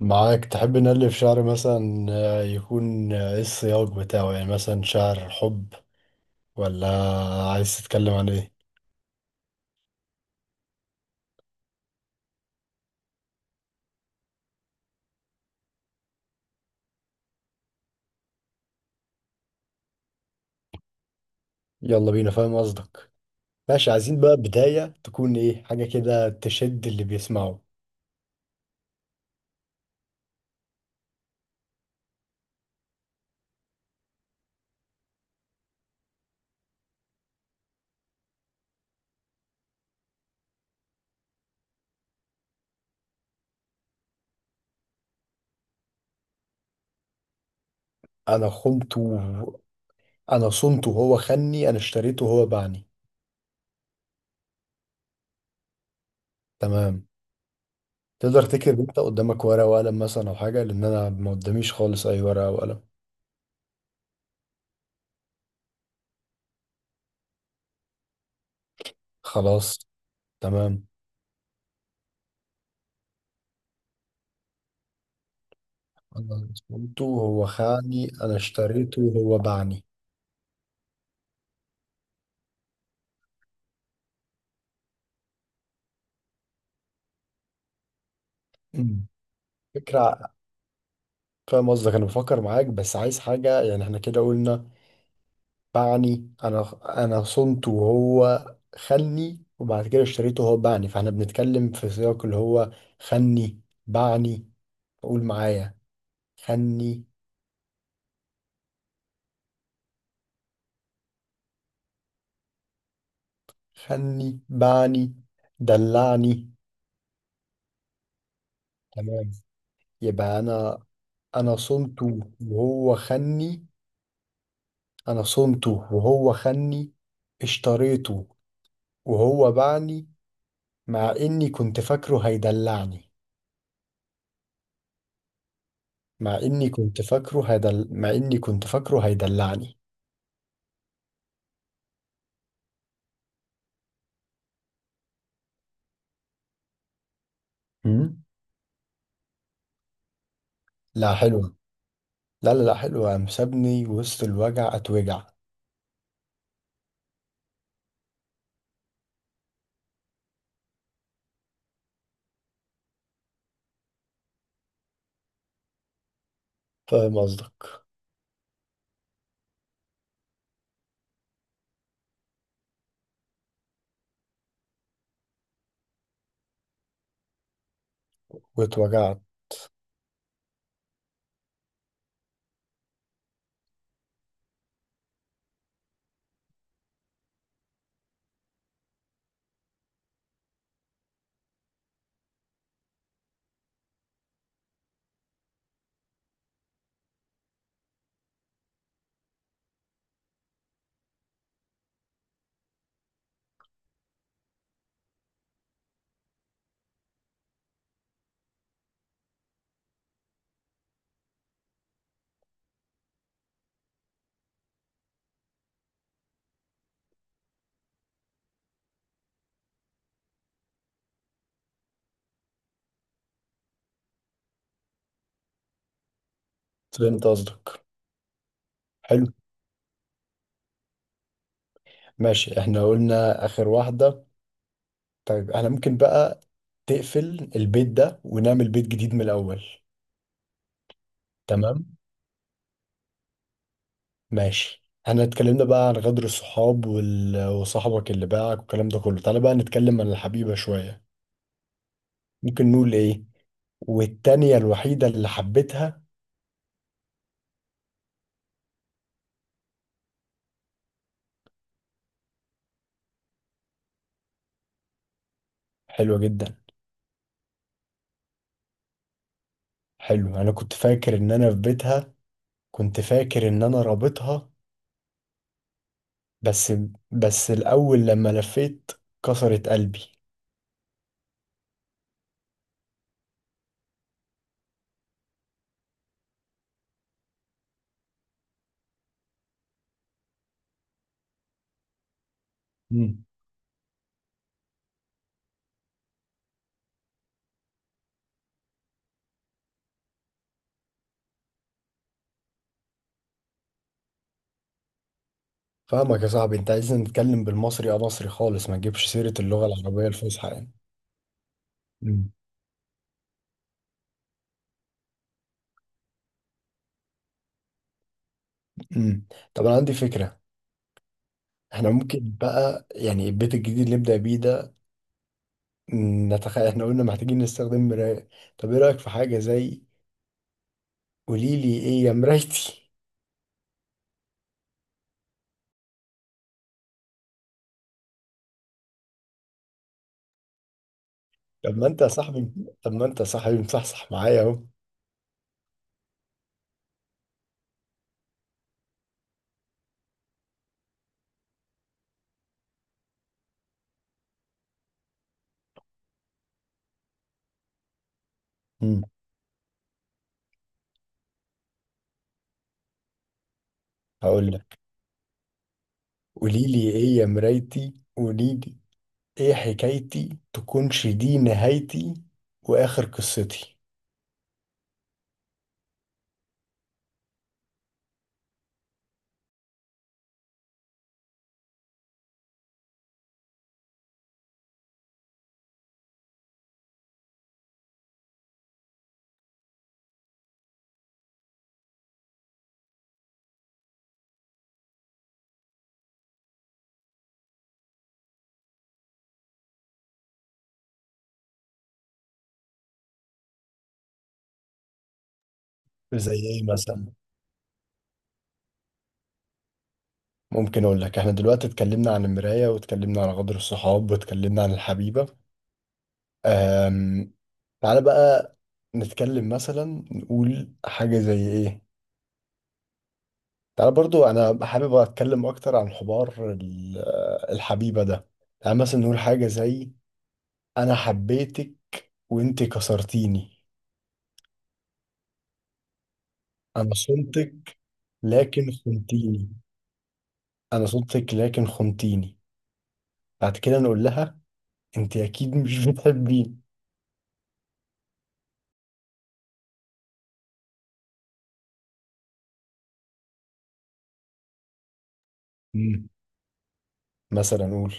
معاك تحب نألف شعر مثلا، يكون، ايه السياق بتاعه؟ يعني مثلا شعر حب، ولا عايز تتكلم عن ايه؟ يلا بينا، فاهم قصدك. ماشي، عايزين بقى بداية تكون ايه، حاجة كده تشد اللي بيسمعه. انا خنته. انا صنته وهو خني، انا اشتريته وهو باعني. تمام. تقدر تكتب انت قدامك ورقة وقلم مثلا او حاجة، لان انا ما قداميش خالص اي ورقة او قلم. خلاص، تمام. انا صنته وهو خاني، انا اشتريته وهو باعني. فكرة. فاهم قصدك، أنا بفكر معاك، بس عايز حاجة، يعني إحنا كده قلنا باعني. أنا صنته وهو خلني، وبعد كده اشتريته وهو باعني، فإحنا بنتكلم في سياق اللي هو خلني، باعني. قول معايا خلني. خلني، باعني، دلعني. تمام، يبقى أنا صنته وهو خلني. أنا صنته وهو خلني، اشتريته وهو باعني، مع إني كنت فاكره هيدلعني. مع اني كنت فاكره هيدلعني. امم لا، حلوة. لا لا لا، حلوة. قام سابني وسط الوجع، اتوجع. فاهم قصدك. واتوجعت. فهمت قصدك. حلو، ماشي، احنا قلنا اخر واحدة. طيب احنا ممكن بقى تقفل البيت ده ونعمل بيت جديد من الاول. تمام، ماشي. احنا اتكلمنا بقى عن غدر الصحاب وصاحبك اللي باعك والكلام ده كله. تعالى بقى نتكلم عن الحبيبة شوية. ممكن نقول ايه؟ والتانية الوحيدة اللي حبيتها. حلوة جدا. حلو، انا كنت فاكر ان انا في بيتها، كنت فاكر ان انا رابطها، بس بس الاول لما لفيت كسرت قلبي. مم. فاهمك يا صاحبي، انت عايزني نتكلم بالمصري، اه، مصري خالص، ما تجيبش سيرة اللغة العربية الفصحى يعني. مم. امم طب انا عندي فكرة. احنا ممكن بقى يعني البيت الجديد اللي نبدأ بيه ده، نتخيل احنا قلنا محتاجين نستخدم مراية. طب ايه رأيك في حاجة زي: قوليلي ايه يا مرايتي؟ طب ما انت يا صاحبي طب ما انت يا صاحبي مصحصح معايا اهو. مم. هقول لك. قولي لي ايه يا مرايتي، قولي لي ايه حكايتي، تكونش دي نهايتي واخر قصتي. زي ايه مثلا؟ ممكن اقول لك، احنا دلوقتي اتكلمنا عن المراية، واتكلمنا عن غدر الصحاب، واتكلمنا عن الحبيبة. أم... تعالى بقى نتكلم مثلا، نقول حاجة زي ايه. تعالى برضو، انا حابب اتكلم اكتر عن حوار الحبيبة ده. يعني مثلا نقول حاجة زي: انا حبيتك وانت كسرتيني، انا صنتك لكن خنتيني. انا صنتك لكن خنتيني. بعد كده نقول لها انت اكيد مش بتحبيني. مم. مثلا نقول.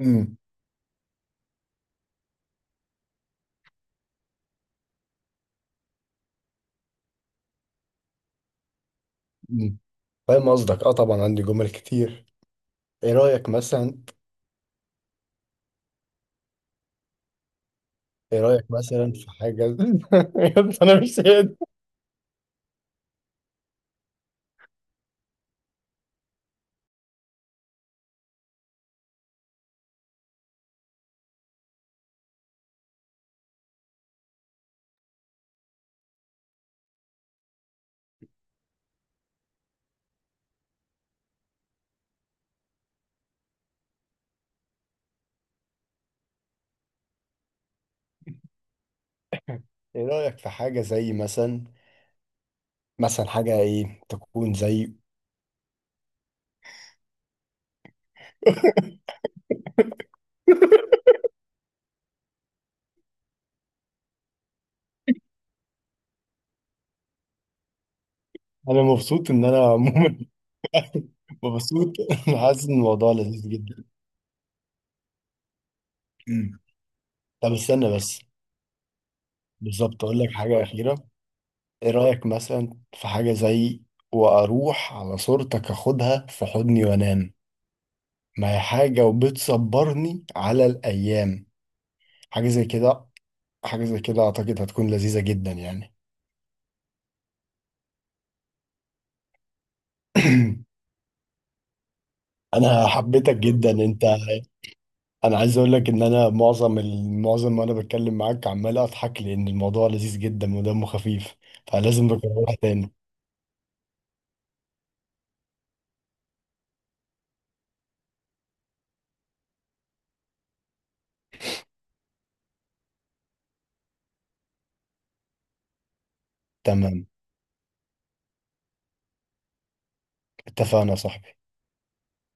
مم. مم. فاهم قصدك، اه، طبعا عندي جمل كتير. ايه رايك مثلا؟ في حاجه انا مش قادر. ايه رايك في حاجه زي مثلا حاجه ايه تكون زي. انا مبسوط ان انا عموما مبسوط، انا حاسس ان الموضوع لذيذ جدا. مم. طب استنى بس، بالظبط اقول لك حاجه اخيره. ايه رايك مثلا في حاجه زي: واروح على صورتك اخدها في حضني وانام، ما هي حاجه وبتصبرني على الايام. حاجه زي كده. حاجه زي كده اعتقد هتكون لذيذه جدا يعني. انا حبيتك جدا انت. انا عايز اقول لك ان انا معظم المعظم وانا بتكلم معاك عمال اضحك، لان الموضوع لذيذ جدا ودمه خفيف، فلازم نكررها تاني. تمام، اتفقنا يا صاحبي.